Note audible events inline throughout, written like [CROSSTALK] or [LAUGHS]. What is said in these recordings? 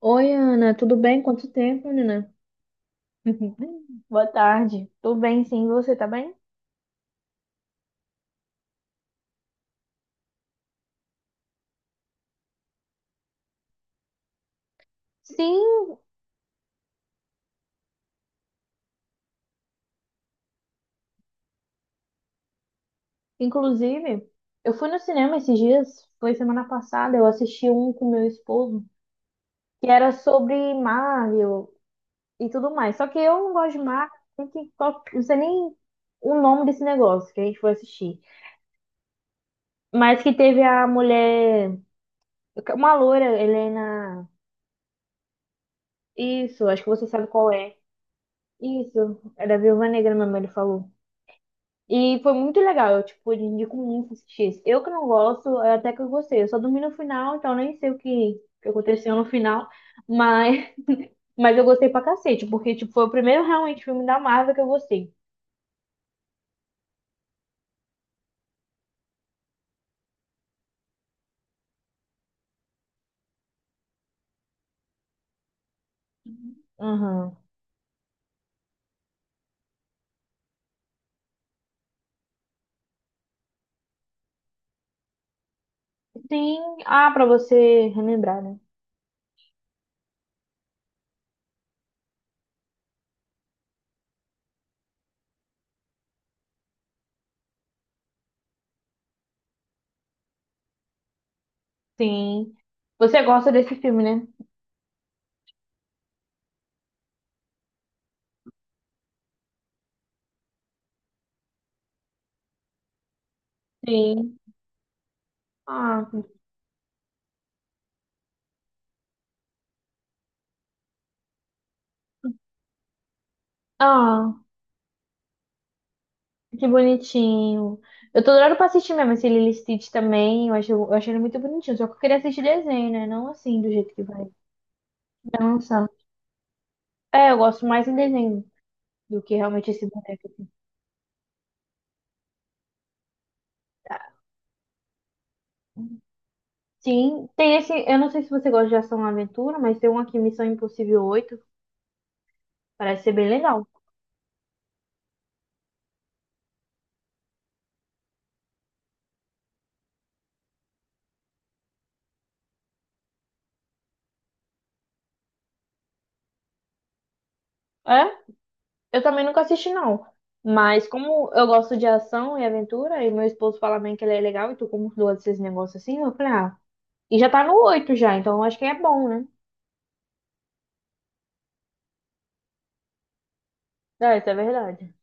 Oi, Ana, tudo bem? Quanto tempo, menina? [LAUGHS] Boa tarde. Tô bem, sim. Você tá bem? Sim, inclusive, eu fui no cinema esses dias, foi semana passada, eu assisti um com meu esposo, que era sobre Marvel e tudo mais. Só que eu não gosto de Marvel, nem que- qual- não sei nem o nome desse negócio que a gente foi assistir. Mas que teve a mulher, uma loira, Helena. Isso, acho que você sabe qual é. Isso, é da Viúva Negra, minha mãe falou. E foi muito legal, eu, tipo, eu indico muito assistir esse. Eu que não gosto, é até que eu gostei. Eu só dormi no final, então nem sei o que aconteceu no final. Mas, [LAUGHS] mas eu gostei pra cacete, porque, tipo, foi o primeiro realmente filme da Marvel que eu gostei. Uhum. Sim, ah, pra você relembrar, né? Sim. Você gosta desse filme, né? Sim. Ah, ah, que bonitinho. Eu tô adorando pra assistir mesmo esse Lilo e Stitch também. Eu achei ele muito bonitinho, só que eu queria assistir desenho, né? Não assim, do jeito que vai. Não, é, eu gosto mais em desenho do que realmente esse boneco assim. Sim, tem esse. Eu não sei se você gosta de ação e aventura, mas tem um aqui, Missão Impossível 8. Parece ser bem legal. É? Eu também nunca assisti, não. Mas como eu gosto de ação e aventura, e meu esposo fala bem que ele é legal, e tu como gosta desses negócios assim, eu falei, ah, e já tá no 8 já, então eu acho que é bom, né? É, isso é verdade.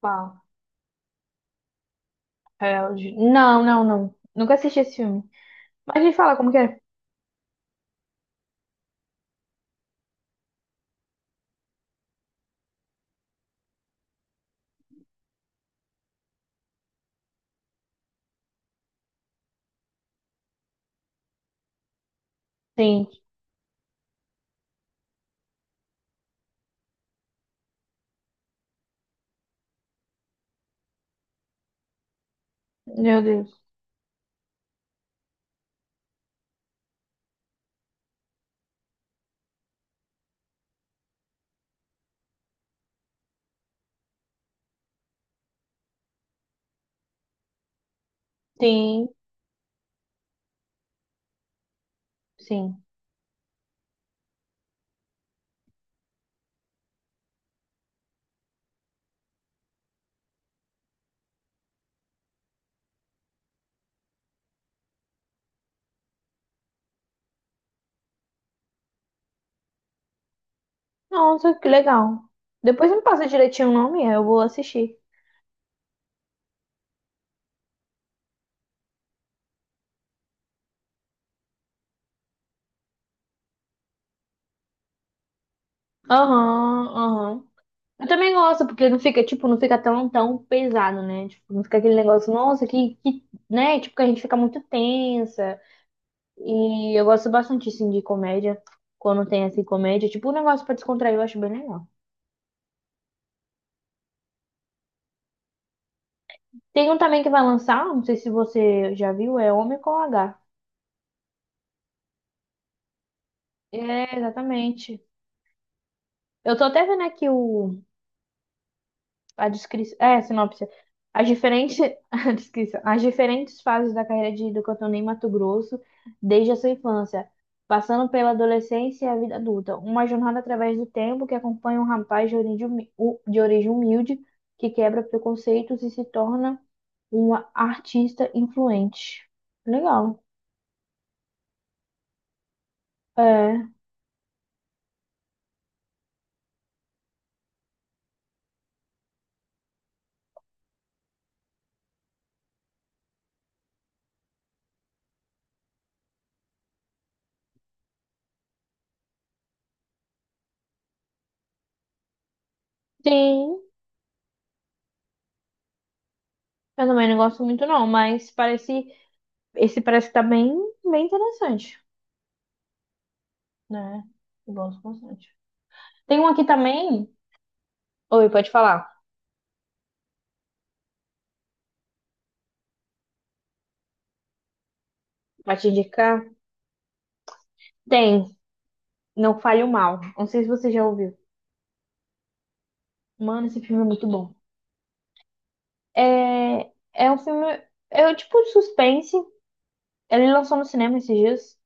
Pá. É, não, não, não. Nunca assisti esse filme. Mas me fala como que é. Sim, meu Deus. Sim, sim. Nossa, que legal. Depois me passa direitinho o nome, eu vou assistir. Aham, aham. Eu também gosto, porque não fica, tipo, não fica tão, tão pesado, né? Tipo, não fica aquele negócio, nossa, né? Tipo, que a gente fica muito tensa. E eu gosto bastante, assim, de comédia. Quando tem, assim, comédia. Tipo, um negócio pra descontrair, eu acho bem legal. Tem um também que vai lançar, não sei se você já viu, é Homem com H. É, exatamente. Eu tô até vendo aqui o a descrição, é, sinopse. As diferentes, [LAUGHS] a descrição, as diferentes fases da carreira de, do cantor em Mato Grosso desde a sua infância, passando pela adolescência e a vida adulta. Uma jornada através do tempo que acompanha um rapaz de origem, de origem humilde que quebra preconceitos e se torna uma artista influente. Legal. É. Sim, eu também não gosto muito não, mas parece, esse parece que tá bem, bem interessante, né? Eu gosto bastante. Tem um aqui também. Oi, pode falar. Vai te indicar? Tem. Não Fale o Mal. Não sei se você já ouviu. Mano, esse filme é muito bom. É, é um filme. É um tipo de suspense. Ele lançou no cinema esses dias.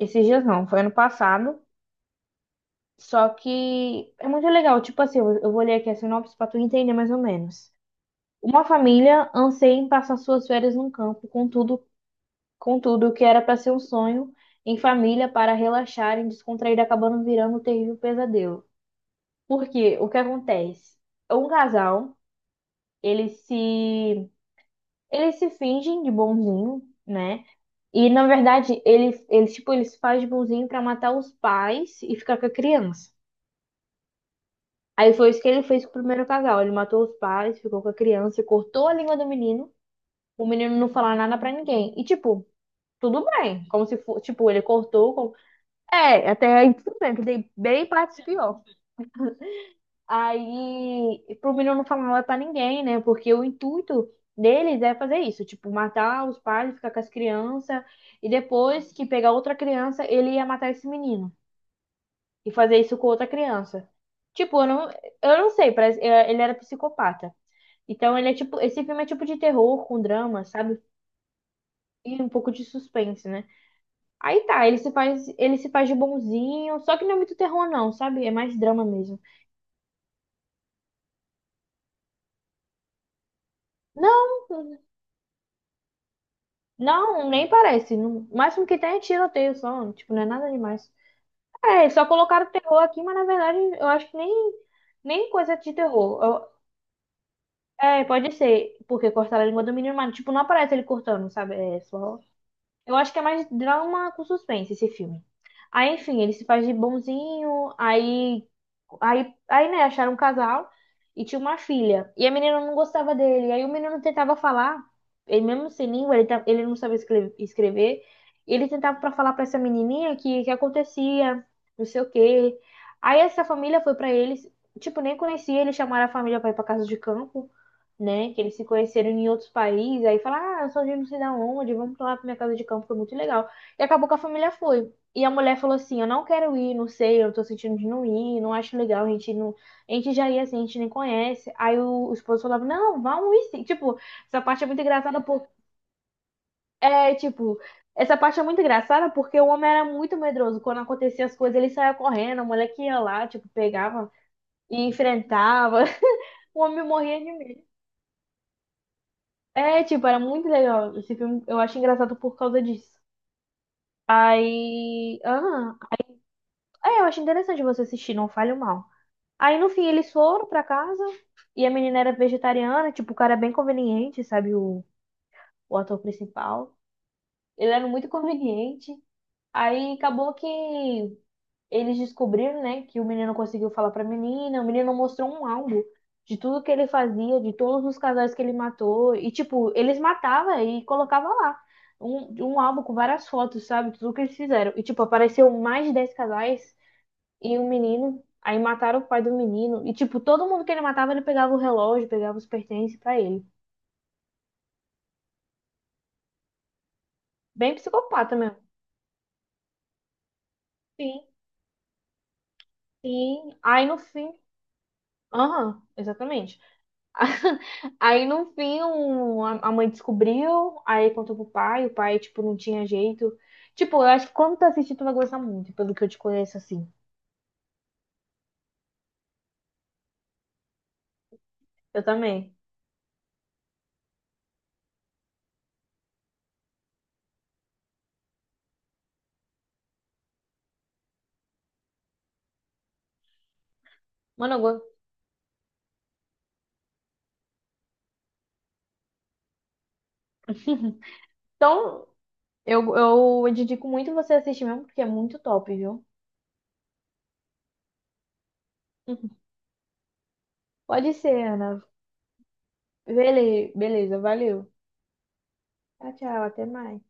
Esses dias não, foi ano passado. Só que é muito legal. Tipo assim, eu vou ler aqui a sinopse pra tu entender mais ou menos. Uma família anseia em passar suas férias num campo, contudo, o que era para ser um sonho em família para relaxar e descontrair acabando virando um terrível pesadelo. Porque o que acontece? Um casal, eles se eles se fingem de bonzinho, né? E na verdade, ele, eles tipo, eles se fazem de bonzinho pra matar os pais e ficar com a criança. Aí foi isso que ele fez com o primeiro casal. Ele matou os pais, ficou com a criança, cortou a língua do menino. O menino não falar nada pra ninguém. E tipo, tudo bem, como se fosse, tipo, ele cortou, como... É, até aí tudo bem, que tem bem partes pior. Aí, pro menino não falar nada pra ninguém, né? Porque o intuito deles é fazer isso, tipo, matar os pais, ficar com as crianças, e depois que pegar outra criança, ele ia matar esse menino e fazer isso com outra criança. Tipo, eu não sei, parece, é, ele era psicopata. Então, ele é tipo, esse filme é tipo de terror com drama, sabe? E um pouco de suspense, né? Aí tá, ele se faz de bonzinho, só que não é muito terror não, sabe? É mais drama mesmo. Não Não, nem parece. O máximo que tem é tiroteio só. Tipo, não é nada demais. É, só colocaram terror aqui, mas na verdade eu acho que nem coisa de terror. É, pode ser, porque cortaram a língua do menino, mas tipo, não aparece ele cortando, sabe? É só. Eu acho que é mais drama com suspense esse filme. Aí, enfim, ele se faz de bonzinho, aí, né, acharam um casal e tinha uma filha. E a menina não gostava dele. Aí o menino tentava falar, ele mesmo sem língua, ele, ele não sabia escrever. Ele tentava para falar para essa menininha que acontecia, não sei o quê. Aí essa família foi para eles, tipo, nem conhecia, eles chamaram a família para ir para casa de campo, né? Que eles se conheceram em outros países, aí fala, ah, eu sou de não sei da onde, vamos pra lá pra minha casa de campo, foi muito legal. E acabou que a família foi. E a mulher falou assim, eu não quero ir, não sei, eu tô sentindo de não ir, não acho legal, a gente não. A gente já ia assim, a gente nem conhece. Aí o esposo falava, não, vamos ir sim. Tipo, essa parte é muito engraçada por. É, tipo, essa parte é muito engraçada porque o homem era muito medroso. Quando acontecia as coisas, ele saía correndo, a mulher que ia lá, tipo, pegava e enfrentava. [LAUGHS] O homem morria de é, tipo, era muito legal. Esse filme eu acho engraçado por causa disso. Aí. Ah, é, eu acho interessante você assistir, não falho mal. Aí no fim eles foram pra casa e a menina era vegetariana, tipo, o cara é bem conveniente, sabe? O ator principal. Ele era muito conveniente. Aí acabou que eles descobriram, né, que o menino conseguiu falar pra menina, o menino mostrou um álbum de tudo que ele fazia, de todos os casais que ele matou, e tipo, eles matavam e colocavam lá. Um álbum com várias fotos, sabe? Tudo que eles fizeram. E, tipo, apareceu mais de 10 casais e um menino. Aí mataram o pai do menino. E, tipo, todo mundo que ele matava, ele pegava o relógio, pegava os pertences pra ele. Bem psicopata mesmo. Sim, sim. Aí no fim. Aham, exatamente. Aí no fim a mãe descobriu, aí contou pro pai, o pai, tipo, não tinha jeito. Tipo, eu acho que quando tu assistir, tu vai gostar muito, pelo que eu te conheço assim. Eu também. Mano, eu gosto. [LAUGHS] Então, eu indico muito você assistir mesmo, porque é muito top, viu? [LAUGHS] Pode ser, Ana. Beleza, valeu. Tchau, tchau, até mais.